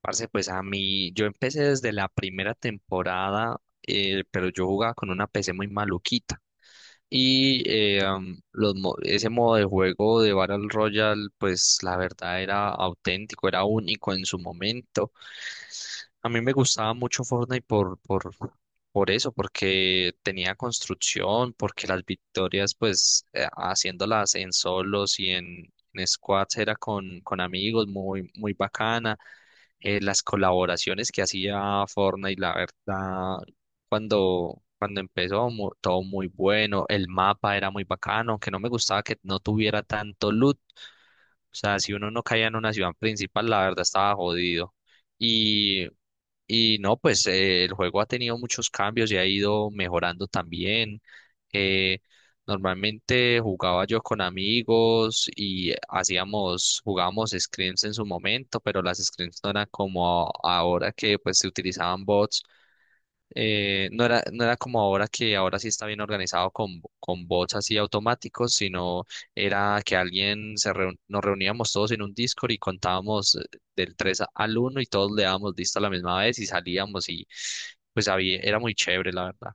Parce, pues a mí, yo empecé desde la primera temporada, pero yo jugaba con una PC muy maluquita. Y ese modo de juego de Battle Royale, pues la verdad era auténtico, era único en su momento. A mí me gustaba mucho Fortnite por eso, porque tenía construcción, porque las victorias, pues haciéndolas en solos y en squads era con amigos, muy, muy bacana. Las colaboraciones que hacía Fortnite, la verdad, cuando empezó, todo muy bueno, el mapa era muy bacano, aunque no me gustaba que no tuviera tanto loot, o sea, si uno no caía en una ciudad principal, la verdad estaba jodido. Y, y no, pues el juego ha tenido muchos cambios y ha ido mejorando también. Eh, normalmente jugaba yo con amigos y jugábamos scrims en su momento, pero las scrims no eran como ahora que pues se utilizaban bots. No era como ahora que ahora sí está bien organizado con bots así automáticos, sino era que nos reuníamos todos en un Discord y contábamos del 3 a- al uno, y todos le dábamos lista a la misma vez y salíamos, y pues había, era muy chévere, la verdad.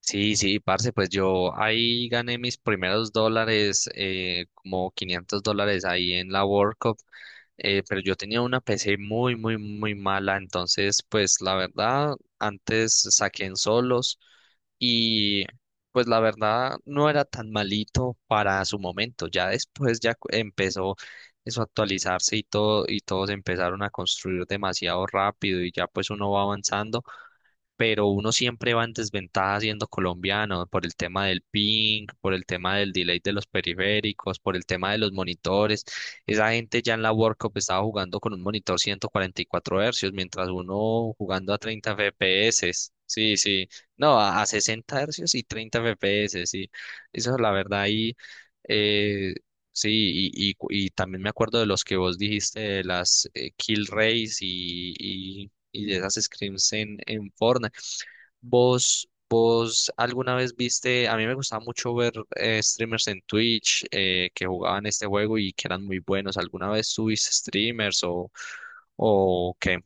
Sí, sí, parce, pues yo ahí gané mis primeros dólares, como $500 ahí en la World Cup. Pero yo tenía una PC muy, muy, muy mala, entonces pues la verdad, antes saqué en solos, y pues la verdad no era tan malito para su momento. Ya después empezó eso a actualizarse y todo, y todos empezaron a construir demasiado rápido, y ya pues uno va avanzando, pero uno siempre va en desventaja siendo colombiano por el tema del ping, por el tema del delay de los periféricos, por el tema de los monitores. Esa gente ya en la World Cup estaba jugando con un monitor 144 hercios, mientras uno jugando a 30 FPS. Sí, sí, no, a 60 hercios y 30 FPS, sí. Eso es la verdad ahí. eh, Sí, y también me acuerdo de los que vos dijiste, de las kill race, y de esas scrims en Fortnite. Vos alguna vez viste? A mí me gustaba mucho ver streamers en Twitch que jugaban este juego y que eran muy buenos. ¿Alguna vez tuviste streamers o qué?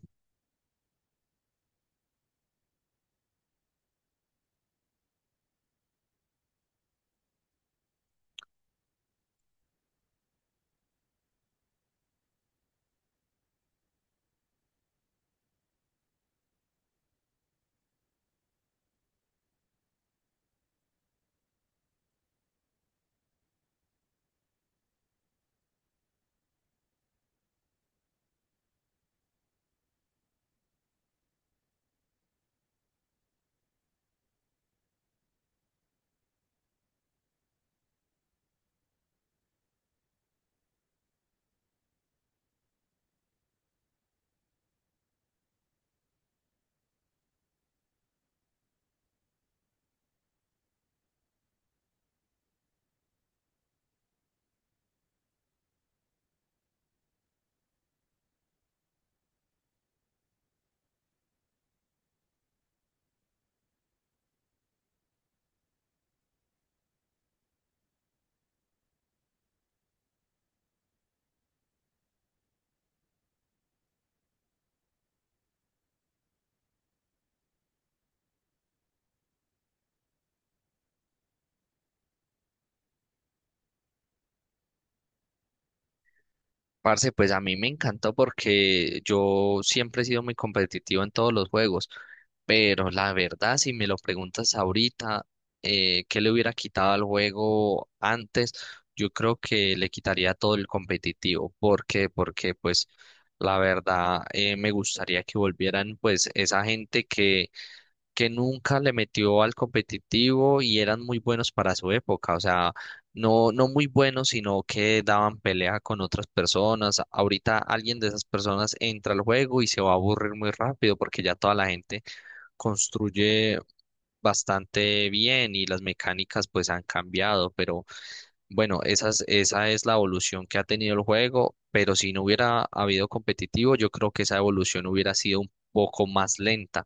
Parce, pues a mí me encantó porque yo siempre he sido muy competitivo en todos los juegos, pero la verdad, si me lo preguntas ahorita, ¿qué le hubiera quitado al juego antes? Yo creo que le quitaría todo el competitivo. ¿Por qué? Porque pues la verdad me gustaría que volvieran pues esa gente que nunca le metió al competitivo y eran muy buenos para su época, o sea, no, no muy buenos, sino que daban pelea con otras personas. Ahorita alguien de esas personas entra al juego y se va a aburrir muy rápido porque ya toda la gente construye bastante bien y las mecánicas pues han cambiado, pero bueno, esa es la evolución que ha tenido el juego, pero si no hubiera habido competitivo, yo creo que esa evolución hubiera sido un poco más lenta.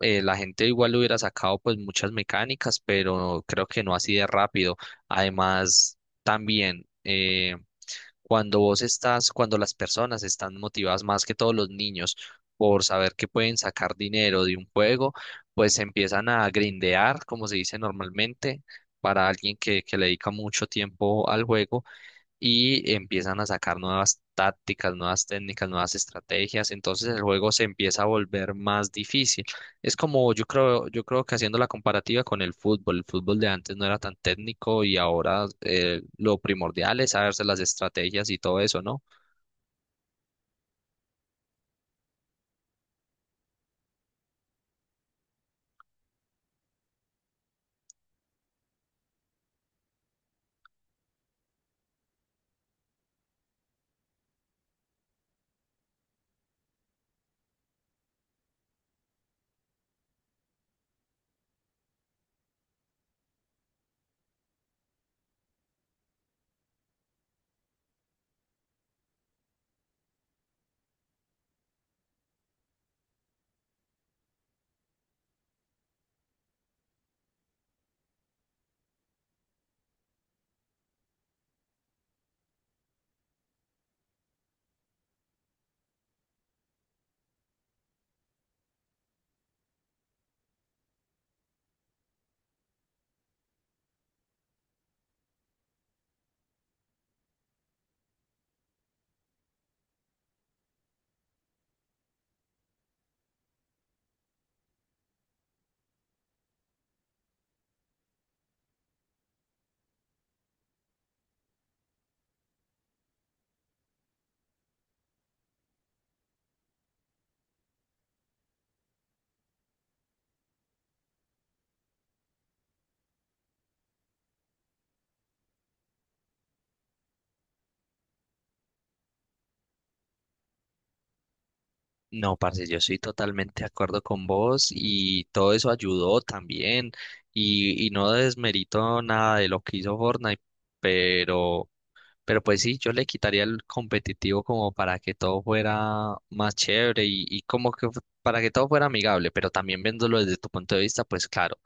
La gente igual le hubiera sacado pues muchas mecánicas, pero creo que no así de rápido. Además, también cuando las personas están motivadas, más que todos los niños, por saber que pueden sacar dinero de un juego, pues empiezan a grindear, como se dice normalmente. Para alguien que le dedica mucho tiempo al juego, y empiezan a sacar nuevas tácticas, nuevas técnicas, nuevas estrategias, entonces el juego se empieza a volver más difícil. Es como yo creo que haciendo la comparativa con el fútbol de antes no era tan técnico, y ahora lo primordial es saberse las estrategias y todo eso, ¿no? No, parce, yo estoy totalmente de acuerdo con vos, y todo eso ayudó también, y no desmerito nada de lo que hizo Fortnite, pero Pero pues sí, yo le quitaría el competitivo como para que todo fuera más chévere, y como que para que todo fuera amigable, pero también viéndolo desde tu punto de vista, pues claro,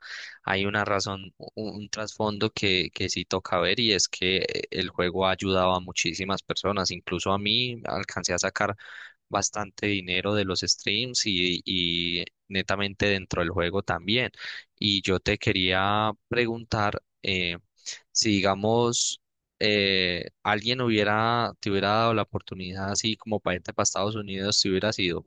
hay una razón, trasfondo que sí toca ver, y es que el juego ha ayudado a muchísimas personas, incluso a mí alcancé a sacar bastante dinero de los streams, y netamente dentro del juego también. Y yo te quería preguntar... si digamos alguien te hubiera dado la oportunidad así como para irte para Estados Unidos, te hubiera sido.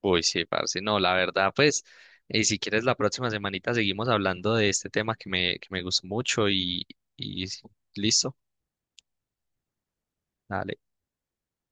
Uy, sí, parce, no, la verdad, pues, si quieres la próxima semanita seguimos hablando de este tema que me gustó mucho, y sí, listo, dale.